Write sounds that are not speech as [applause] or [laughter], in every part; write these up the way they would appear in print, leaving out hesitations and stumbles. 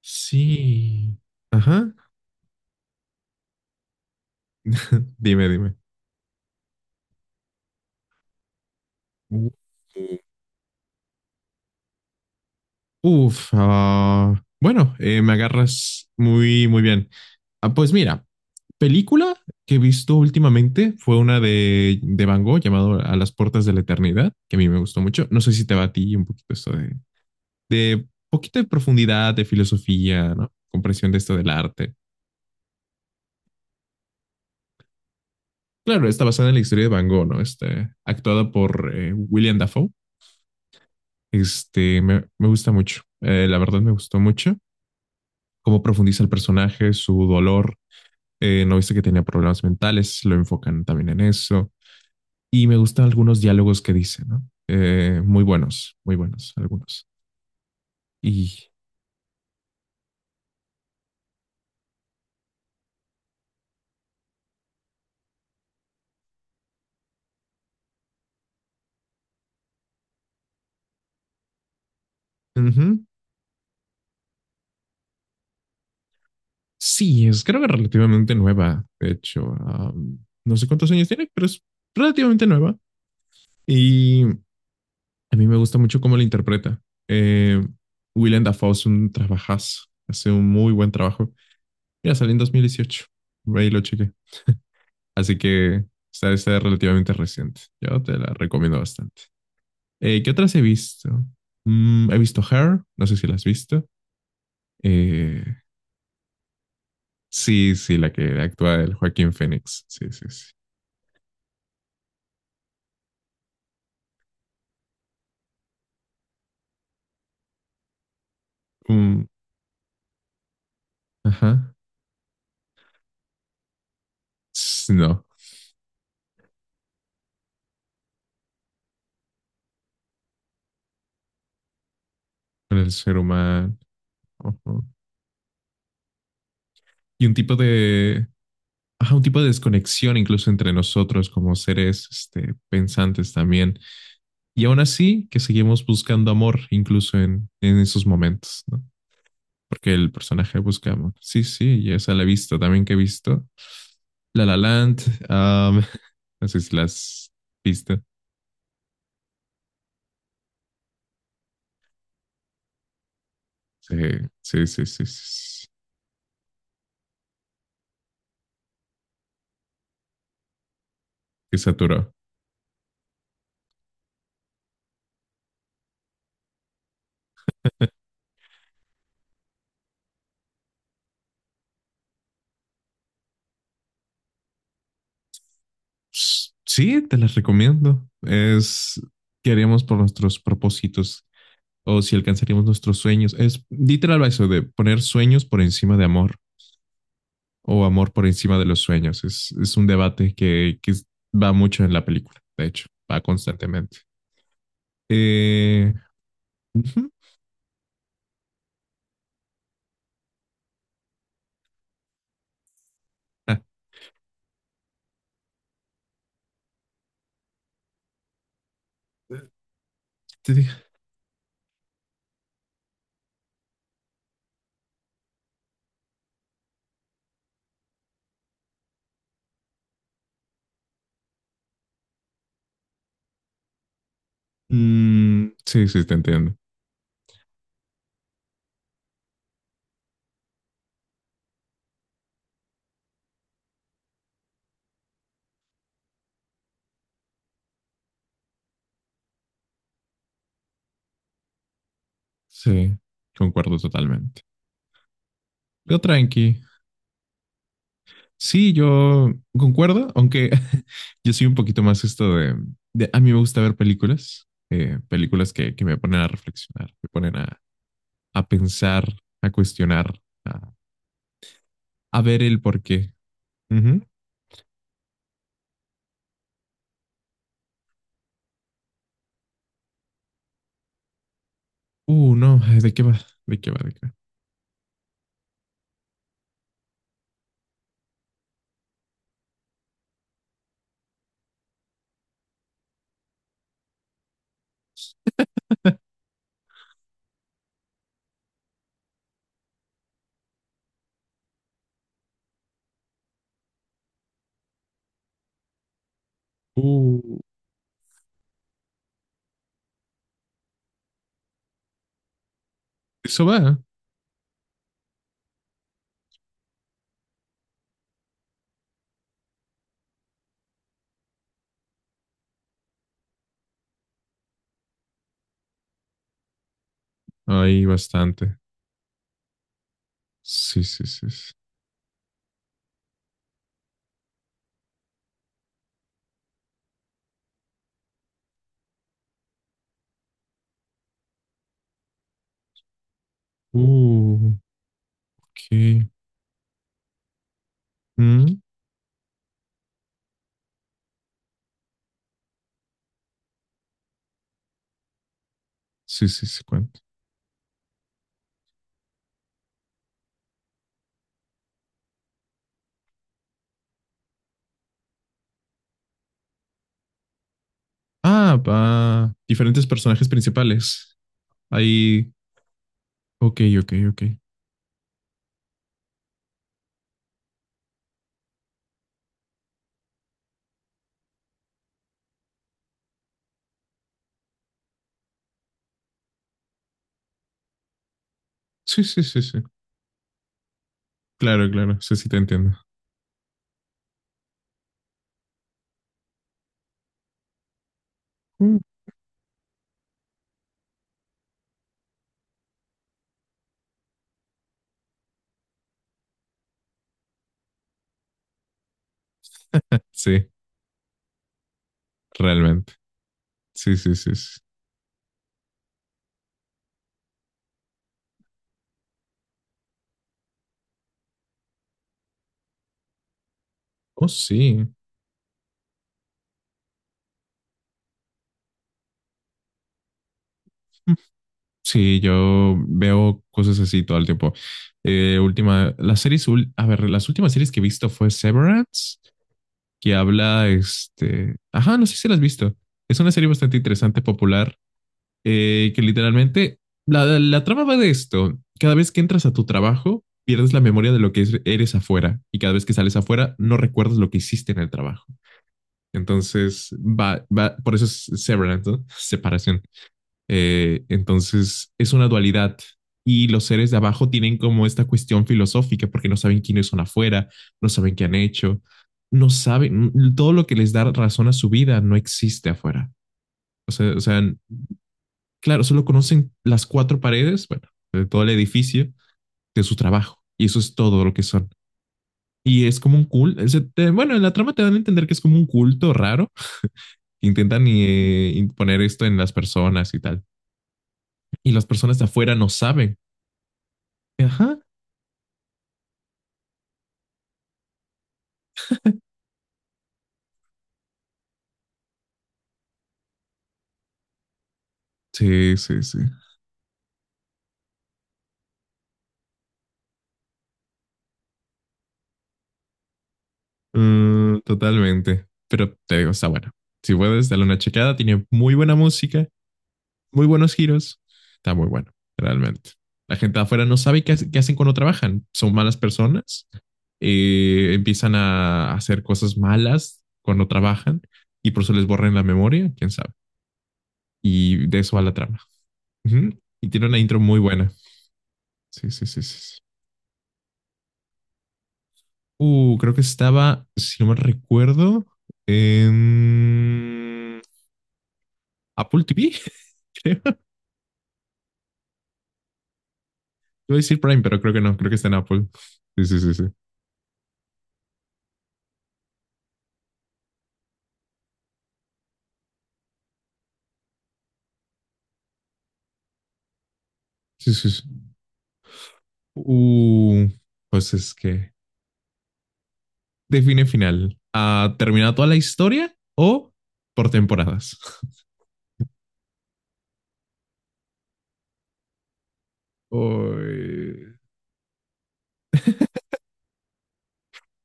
Sí. Ajá. [laughs] Dime, dime. U- Me agarras muy bien. Ah, pues mira, película que he visto últimamente fue una de Van Gogh llamado A las puertas de la eternidad, que a mí me gustó mucho. No sé si te va a ti un poquito esto de poquito de profundidad, de filosofía, ¿no? Comprensión de esto del arte. Claro, está basada en la historia de Van Gogh, ¿no? Este, actuada por William Dafoe. Este, me gusta mucho. La verdad me gustó mucho cómo profundiza el personaje, su dolor. No viste que tenía problemas mentales, lo enfocan también en eso. Y me gustan algunos diálogos que dice, ¿no? Muy buenos, muy buenos algunos. Y ujú. Sí, es creo que relativamente nueva, de hecho. No sé cuántos años tiene, pero es relativamente nueva. Y a mí me gusta mucho cómo la interpreta. Eh, Willem Dafoe es un trabajazo, hace un muy buen trabajo. Mira, salió en 2018. Ahí lo chequé. Así que está, está relativamente reciente. Yo te la recomiendo bastante. ¿Qué otras he visto? Mm, he visto Her, no sé si la has visto. Eh, sí, sí, la que actúa el Joaquín Phoenix. Sí, sí, sí. Mm, ajá. No, con el ser humano. Ujú. Y un tipo de, ajá, un tipo de desconexión incluso entre nosotros como seres este, pensantes también. Y aún así, que seguimos buscando amor incluso en esos momentos, ¿no? Porque el personaje busca amor. Sí, sí, y esa la he visto también que he visto. La La Land, um, [laughs] no sé si las viste. Sí, sí, sí, sí, sí. Que saturó. Sí, te las recomiendo. Es qué haríamos por nuestros propósitos o si alcanzaríamos nuestros sueños. Es literal eso de poner sueños por encima de amor o amor por encima de los sueños. Es un debate va mucho en la película, de hecho, va constantemente. Eh, ujú. Ah, te dije. Mm, sí, sí, te entiendo. Sí, concuerdo totalmente. Yo tranqui. Sí, yo concuerdo, aunque [laughs] yo soy un poquito más esto a mí me gusta ver películas, películas que me ponen a reflexionar, me ponen a pensar, a cuestionar, a ver el porqué. Ujú. No, ay, ¿de qué va? ¿De qué va? ¿De qué va? Uh, eso va. Ahí bastante. Sí, sí, sí, sí. Uh, ok. Mm, sí, sí, sí, cuento. Ah, va. Diferentes personajes principales. Ahí. Ok, ok, ok. Sí, sí, sí, sí. Claro, claro. Sí, sí, te entiendo. Mm. Sí, realmente. Sí, sí, sí, sí. Oh, sí. Sí, yo veo cosas así todo el tiempo. Última, las series, ul- A ver, las últimas series que he visto fue Severance, que habla, este, ajá, no sé si la has visto. Es una serie bastante interesante, popular, que literalmente, la trama va de esto. Cada vez que entras a tu trabajo, pierdes la memoria de lo eres afuera, y cada vez que sales afuera, no recuerdas lo que hiciste en el trabajo. Entonces, por eso es Severance, ¿no? [laughs] Separación. Entonces es una dualidad y los seres de abajo tienen como esta cuestión filosófica porque no saben quiénes son afuera, no saben qué han hecho, no saben todo lo que les da razón a su vida no existe afuera. O sea, claro, solo conocen las cuatro paredes, bueno, de todo el edificio, de su trabajo y eso es todo lo que son. Y es como un culto. Bueno, en la trama te dan a entender que es como un culto raro. Intentan imponer esto en las personas y tal. Y las personas de afuera no saben. Ajá, sí, sí, sí. Mm, totalmente. Pero te digo, está bueno. Si puedes, dale una checada. Tiene muy buena música, muy buenos giros. Está muy bueno, realmente. La gente de afuera no sabe qué hacen cuando trabajan. Son malas personas. Empiezan a hacer cosas malas cuando trabajan y por eso les borran la memoria, quién sabe. Y de eso va la trama. Ujú. Y tiene una intro muy buena. Sí, sí, sí, sí, sí. Creo que estaba, si no me recuerdo, en Apple TV, [laughs] creo. Iba a decir Prime, pero creo que no, creo que está en Apple. Sí, sí, sí, sí. Sí, sí, sí. Uh, pues es que define final. ¿Ha terminado toda la historia o por temporadas? [laughs] Uy,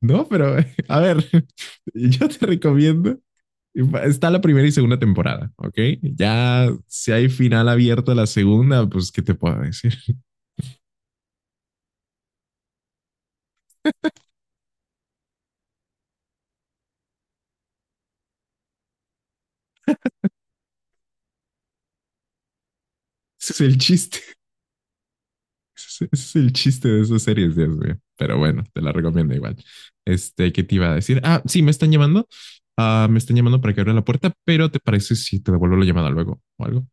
no, pero [laughs] a ver, [laughs] yo te recomiendo. Está la primera y segunda temporada, ¿ok? Ya si hay final abierto a la segunda, pues, ¿qué te puedo decir? Ese es el chiste. [laughs] Ese es el chiste de esas series, Dios mío. Pero bueno, te la recomiendo igual. Este, ¿qué te iba a decir? Ah, sí, me están llamando. Ah, me están llamando para que abra la puerta, pero ¿te parece si te devuelvo la llamada luego o algo?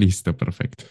Listo, perfecto.